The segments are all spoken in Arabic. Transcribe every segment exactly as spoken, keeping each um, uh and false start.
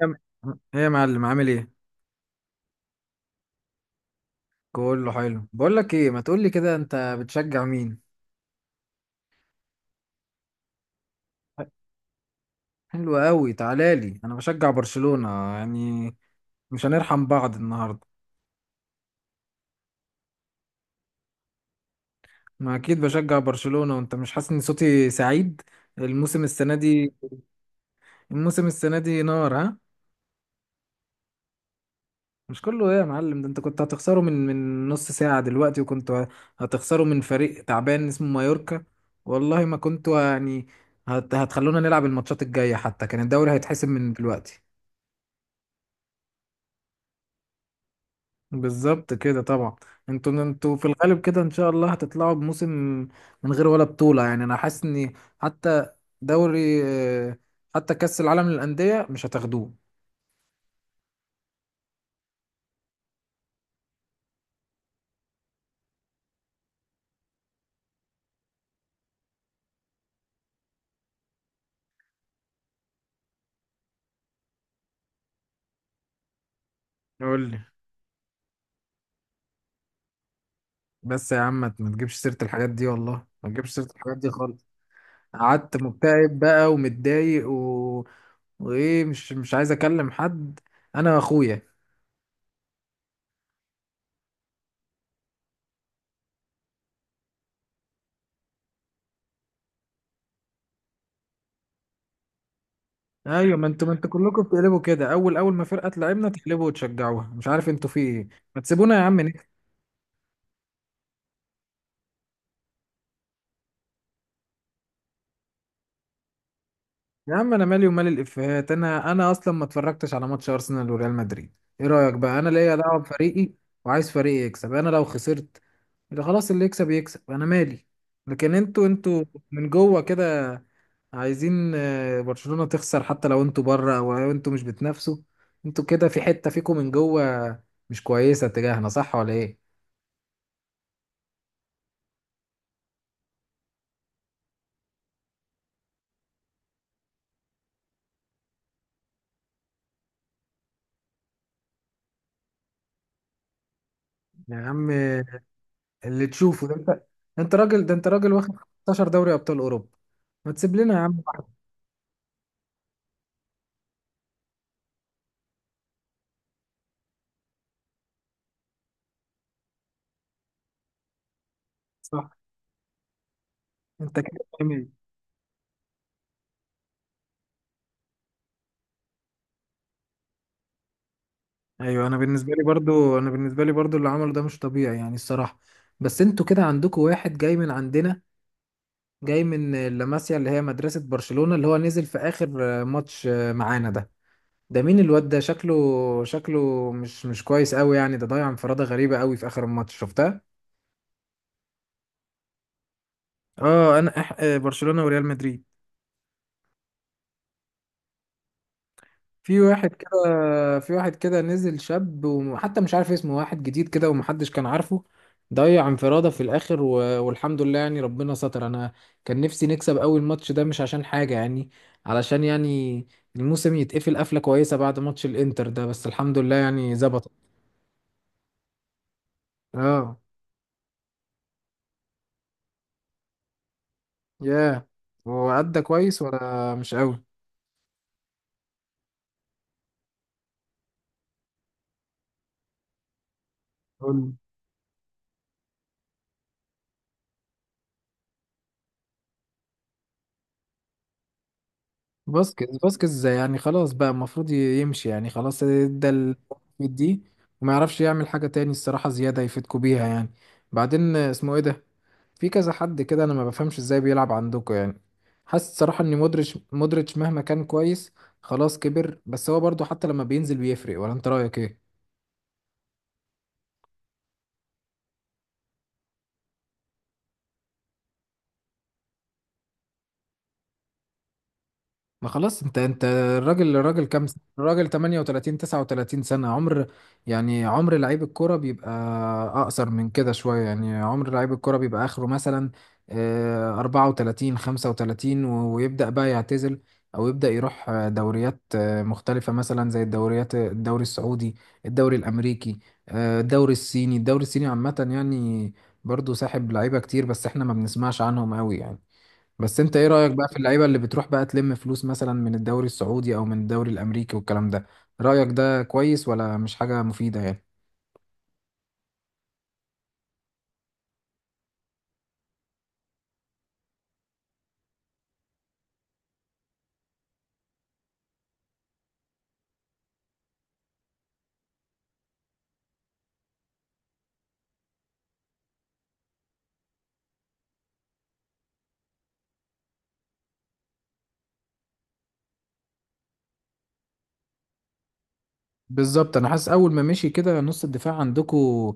يا م- ايه يا معلم، عامل ايه؟ كله حلو. بقول لك ايه، ما تقول لي كده، انت بتشجع مين؟ حلو قوي، تعالى لي انا بشجع برشلونة. يعني مش هنرحم بعض النهارده. ما اكيد بشجع برشلونة، وانت مش حاسس ان صوتي سعيد؟ الموسم السنة دي الموسم السنة دي نار، ها؟ مش كله ايه يا معلم؟ ده انت كنت هتخسره من من نص ساعة دلوقتي، وكنت ه- هتخسره من فريق تعبان اسمه مايوركا. والله ما كنت يعني هت... هتخلونا نلعب الماتشات الجاية، حتى كان الدوري هيتحسم من دلوقتي. بالظبط كده طبعا. انتوا انتوا في الغالب كده ان شاء الله هتطلعوا بموسم من غير ولا بطولة. يعني انا حاسس ان حتى دوري آه، حتى كأس العالم للأندية مش هتاخدوه. قول لي. بس يا عم ما ما تجيبش سيرة الحاجات دي، والله ما تجيبش سيرة الحاجات دي خالص. قعدت مكتئب بقى ومتضايق و... وايه، مش مش عايز اكلم حد انا واخويا. ايوه، ما انتوا ما انتوا كلكم بتقلبوا كده. اول اول ما فرقة تلعبنا تقلبوا وتشجعوها، مش عارف انتوا في ايه. ما تسيبونا يا عم. يا عم انا مالي ومال الافيهات، انا انا اصلا ما اتفرجتش على ماتش ارسنال وريال مدريد. ايه رايك بقى؟ انا ليا دعوه بفريقي، وعايز فريقي يكسب. انا لو خسرت يبقى خلاص، اللي يكسب يكسب، انا مالي. لكن انتوا انتوا من جوه كده عايزين آه، برشلونه تخسر، حتى لو انتوا بره او لو انتوا مش بتنافسوا. انتوا كده في حته فيكم من جوه مش كويسه تجاهنا، صح ولا ايه؟ يا عم اللي تشوفه ده انت. انت راجل ده انت راجل واخد خمستاشر دوري ابطال اوروبا، ما تسيب لنا يا عم. واحد. انت كده تمام. ايوه، انا بالنسبه لي برضو انا بالنسبه لي برضو اللي عمله ده مش طبيعي يعني الصراحه. بس انتوا كده عندكم واحد جاي من عندنا، جاي من لاماسيا اللي هي مدرسه برشلونه، اللي هو نزل في اخر آه، ماتش آه، معانا ده. ده مين الواد ده؟ شكله شكله مش مش كويس قوي يعني. ده ضيع انفراده غريبه قوي في اخر الماتش شفتها. اه انا أح... آه، برشلونه وريال مدريد. في واحد كده في واحد كده نزل شاب وحتى مش عارف اسمه، واحد جديد كده ومحدش كان عارفه. ضيع انفرادة في الاخر و... والحمد لله يعني ربنا ستر. انا كان نفسي نكسب اول ماتش ده مش عشان حاجة يعني، علشان يعني الموسم يتقفل قفلة كويسة بعد ماتش الانتر ده. بس الحمد لله يعني ظبط. اه. ياه. وأدى كويس ولا مش قوي؟ فاسكيز فاسكيز يعني خلاص بقى، المفروض ي- يمشي يعني خلاص. ادى ال- دي، وما يعرفش يعمل حاجة تاني الصراحة زيادة يفيدكوا بيها يعني. بعدين اسمه ايه ده؟ في كذا حد كده انا ما بفهمش ازاي بيلعب عندكوا يعني. حاسس الصراحة ان مودريتش مودريتش مهما كان كويس خلاص كبر. بس هو برضو حتى لما بينزل بيفرق، ولا انت رأيك ايه؟ ما خلاص، انت انت الراجل الراجل كام سنة؟ الراجل تمانية وتلاتين تسعة وتلاتين سنة عمر يعني، عمر لعيب الكرة بيبقى اقصر من كده شوية يعني. عمر لعيب الكرة بيبقى اخره مثلا آه، اربعة وتلاتين خمسة وتلاتين و- ويبدأ بقى يعتزل، او يبدأ يروح آه، دوريات آه، مختلفة، مثلا زي الدوريات الدوري السعودي الدوري الامريكي آه، الدوري الصيني. الدوري الصيني عامة يعني برضو ساحب لعيبة كتير، بس احنا ما بنسمعش عنهم قوي يعني. بس انت ايه رأيك بقى في اللعيبة اللي بتروح بقى تلم فلوس مثلا من الدوري السعودي او من الدوري الامريكي والكلام ده؟ رأيك ده كويس ولا مش حاجة مفيدة يعني؟ بالظبط. انا حاسس اول ما مشي كده نص الدفاع عندكو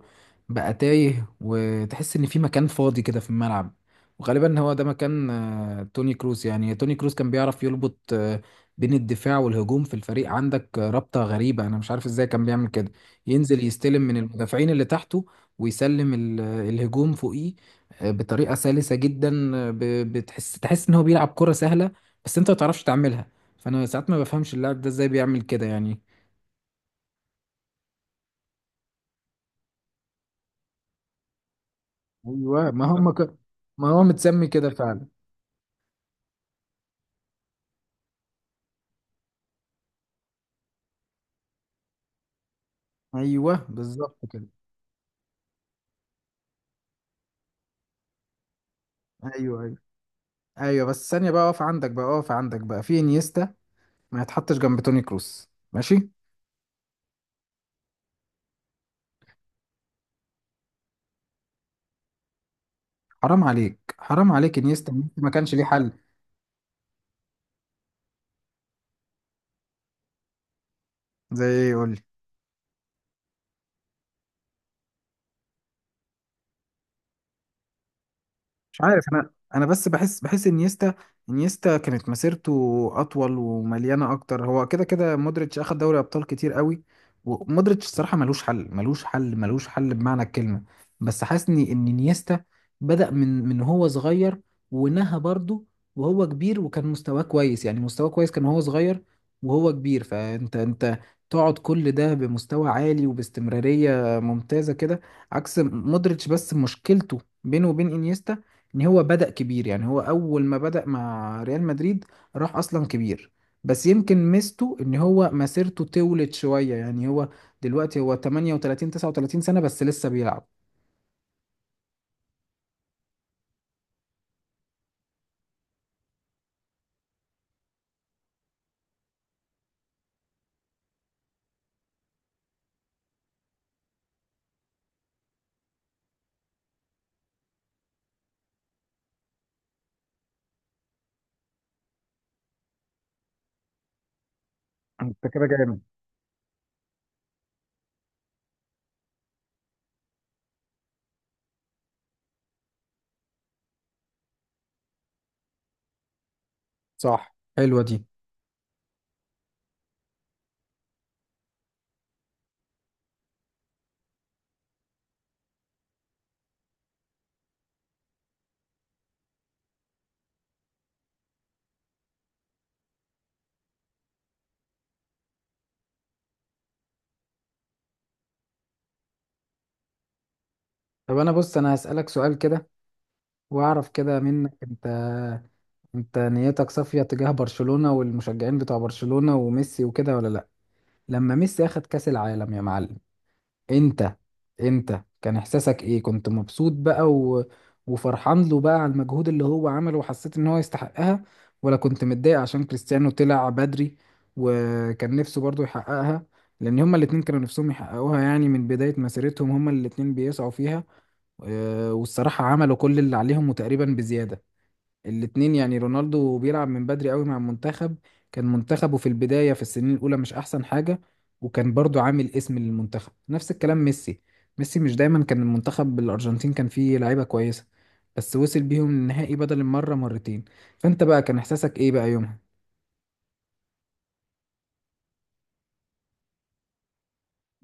بقى تايه، وتحس ان في مكان فاضي كده في الملعب. وغالبا هو ده مكان آه، توني كروس. يعني توني كروس كان بيعرف يربط آه، بين الدفاع والهجوم في الفريق، عندك آه، رابطة غريبة انا مش عارف ازاي كان بيعمل كده. ينزل يستلم من المدافعين اللي تحته، ويسلم ال- الهجوم فوقيه آه، بطريقة سلسة جدا، آه، ب- بتحس تحس ان هو بيلعب كرة سهلة، بس انت ما تعرفش تعملها. فانا ساعات ما بفهمش اللاعب ده ازاي بيعمل كده يعني. ايوه. ما هم ك... ما هو متسمي كده فعلا. ايوه بالظبط كده. ايوه، ايوه. ايوه بس ثانيه بقى، اقف عندك بقى، اقف عندك بقى، في انيستا ما يتحطش جنب توني كروس ماشي؟ حرام عليك، حرام عليك، انيستا إنيستا ما كانش ليه حل. زي ايه؟ قول لي. مش عارف، انا انا بس بحس بحس انيستا انيستا كانت مسيرته اطول ومليانه اكتر. هو كده كده مودريتش اخد دوري ابطال كتير قوي، ومودريتش الصراحه ملوش حل، ملوش حل، ملوش حل بمعنى الكلمه. بس حاسني ان انيستا بدأ من من هو صغير، ونهى برضه وهو كبير، وكان مستواه كويس يعني. مستواه كويس كان وهو صغير وهو كبير، فانت انت تقعد كل ده بمستوى عالي وباستمراريه ممتازه كده، عكس مودريتش. بس مشكلته بينه وبين انيستا ان هو بدأ كبير، يعني هو اول ما بدأ مع ريال مدريد راح اصلا كبير. بس يمكن ميزته ان هو مسيرته طولت شوية، يعني هو دلوقتي هو تمانية وتلاتين تسعة وتلاتين سنة بس لسه بيلعب. انت كده جامد، صح. حلوة دي. طب انا، بص، انا هسألك سؤال كده واعرف كده منك انت انت نيتك صافية تجاه برشلونة والمشجعين بتوع برشلونة وميسي وكده ولا لا؟ لما ميسي اخد كأس العالم يا معلم، انت انت كان احساسك ايه؟ كنت مبسوط بقى و... وفرحان له بقى على المجهود اللي هو عمله، وحسيت ان هو يستحقها، ولا كنت متضايق عشان كريستيانو طلع بدري وكان نفسه برضو يحققها؟ لان هما الاتنين كانوا نفسهم يحققوها. يعني من بداية مسيرتهم هما الاتنين بيسعوا فيها. اه، والصراحة عملوا كل اللي عليهم وتقريبا بزيادة الاتنين. يعني رونالدو بيلعب من بدري قوي مع المنتخب، كان منتخبه في البداية في السنين الأولى مش أحسن حاجة، وكان برضو عامل اسم للمنتخب. نفس الكلام ميسي. ميسي مش دايما كان المنتخب الأرجنتين كان فيه لعيبة كويسة، بس وصل بيهم النهائي بدل المرة مرتين. فأنت بقى كان إحساسك إيه بقى يومها؟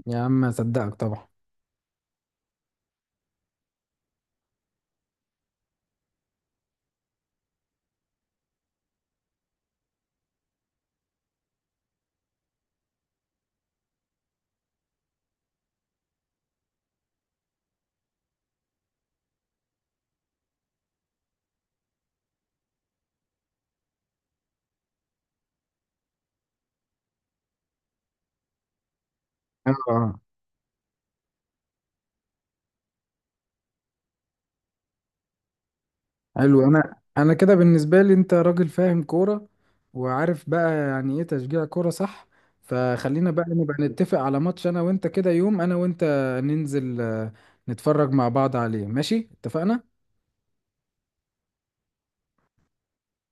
يا عم أصدقك طبعا. آه، حلو. انا انا كده بالنسبه لي انت راجل فاهم كوره، وعارف بقى يعني ايه تشجيع كوره صح. فخلينا بقى نبقى نتفق على ماتش انا وانت، كده يوم انا وانت ننزل آه، نتفرج مع بعض عليه، ماشي؟ اتفقنا.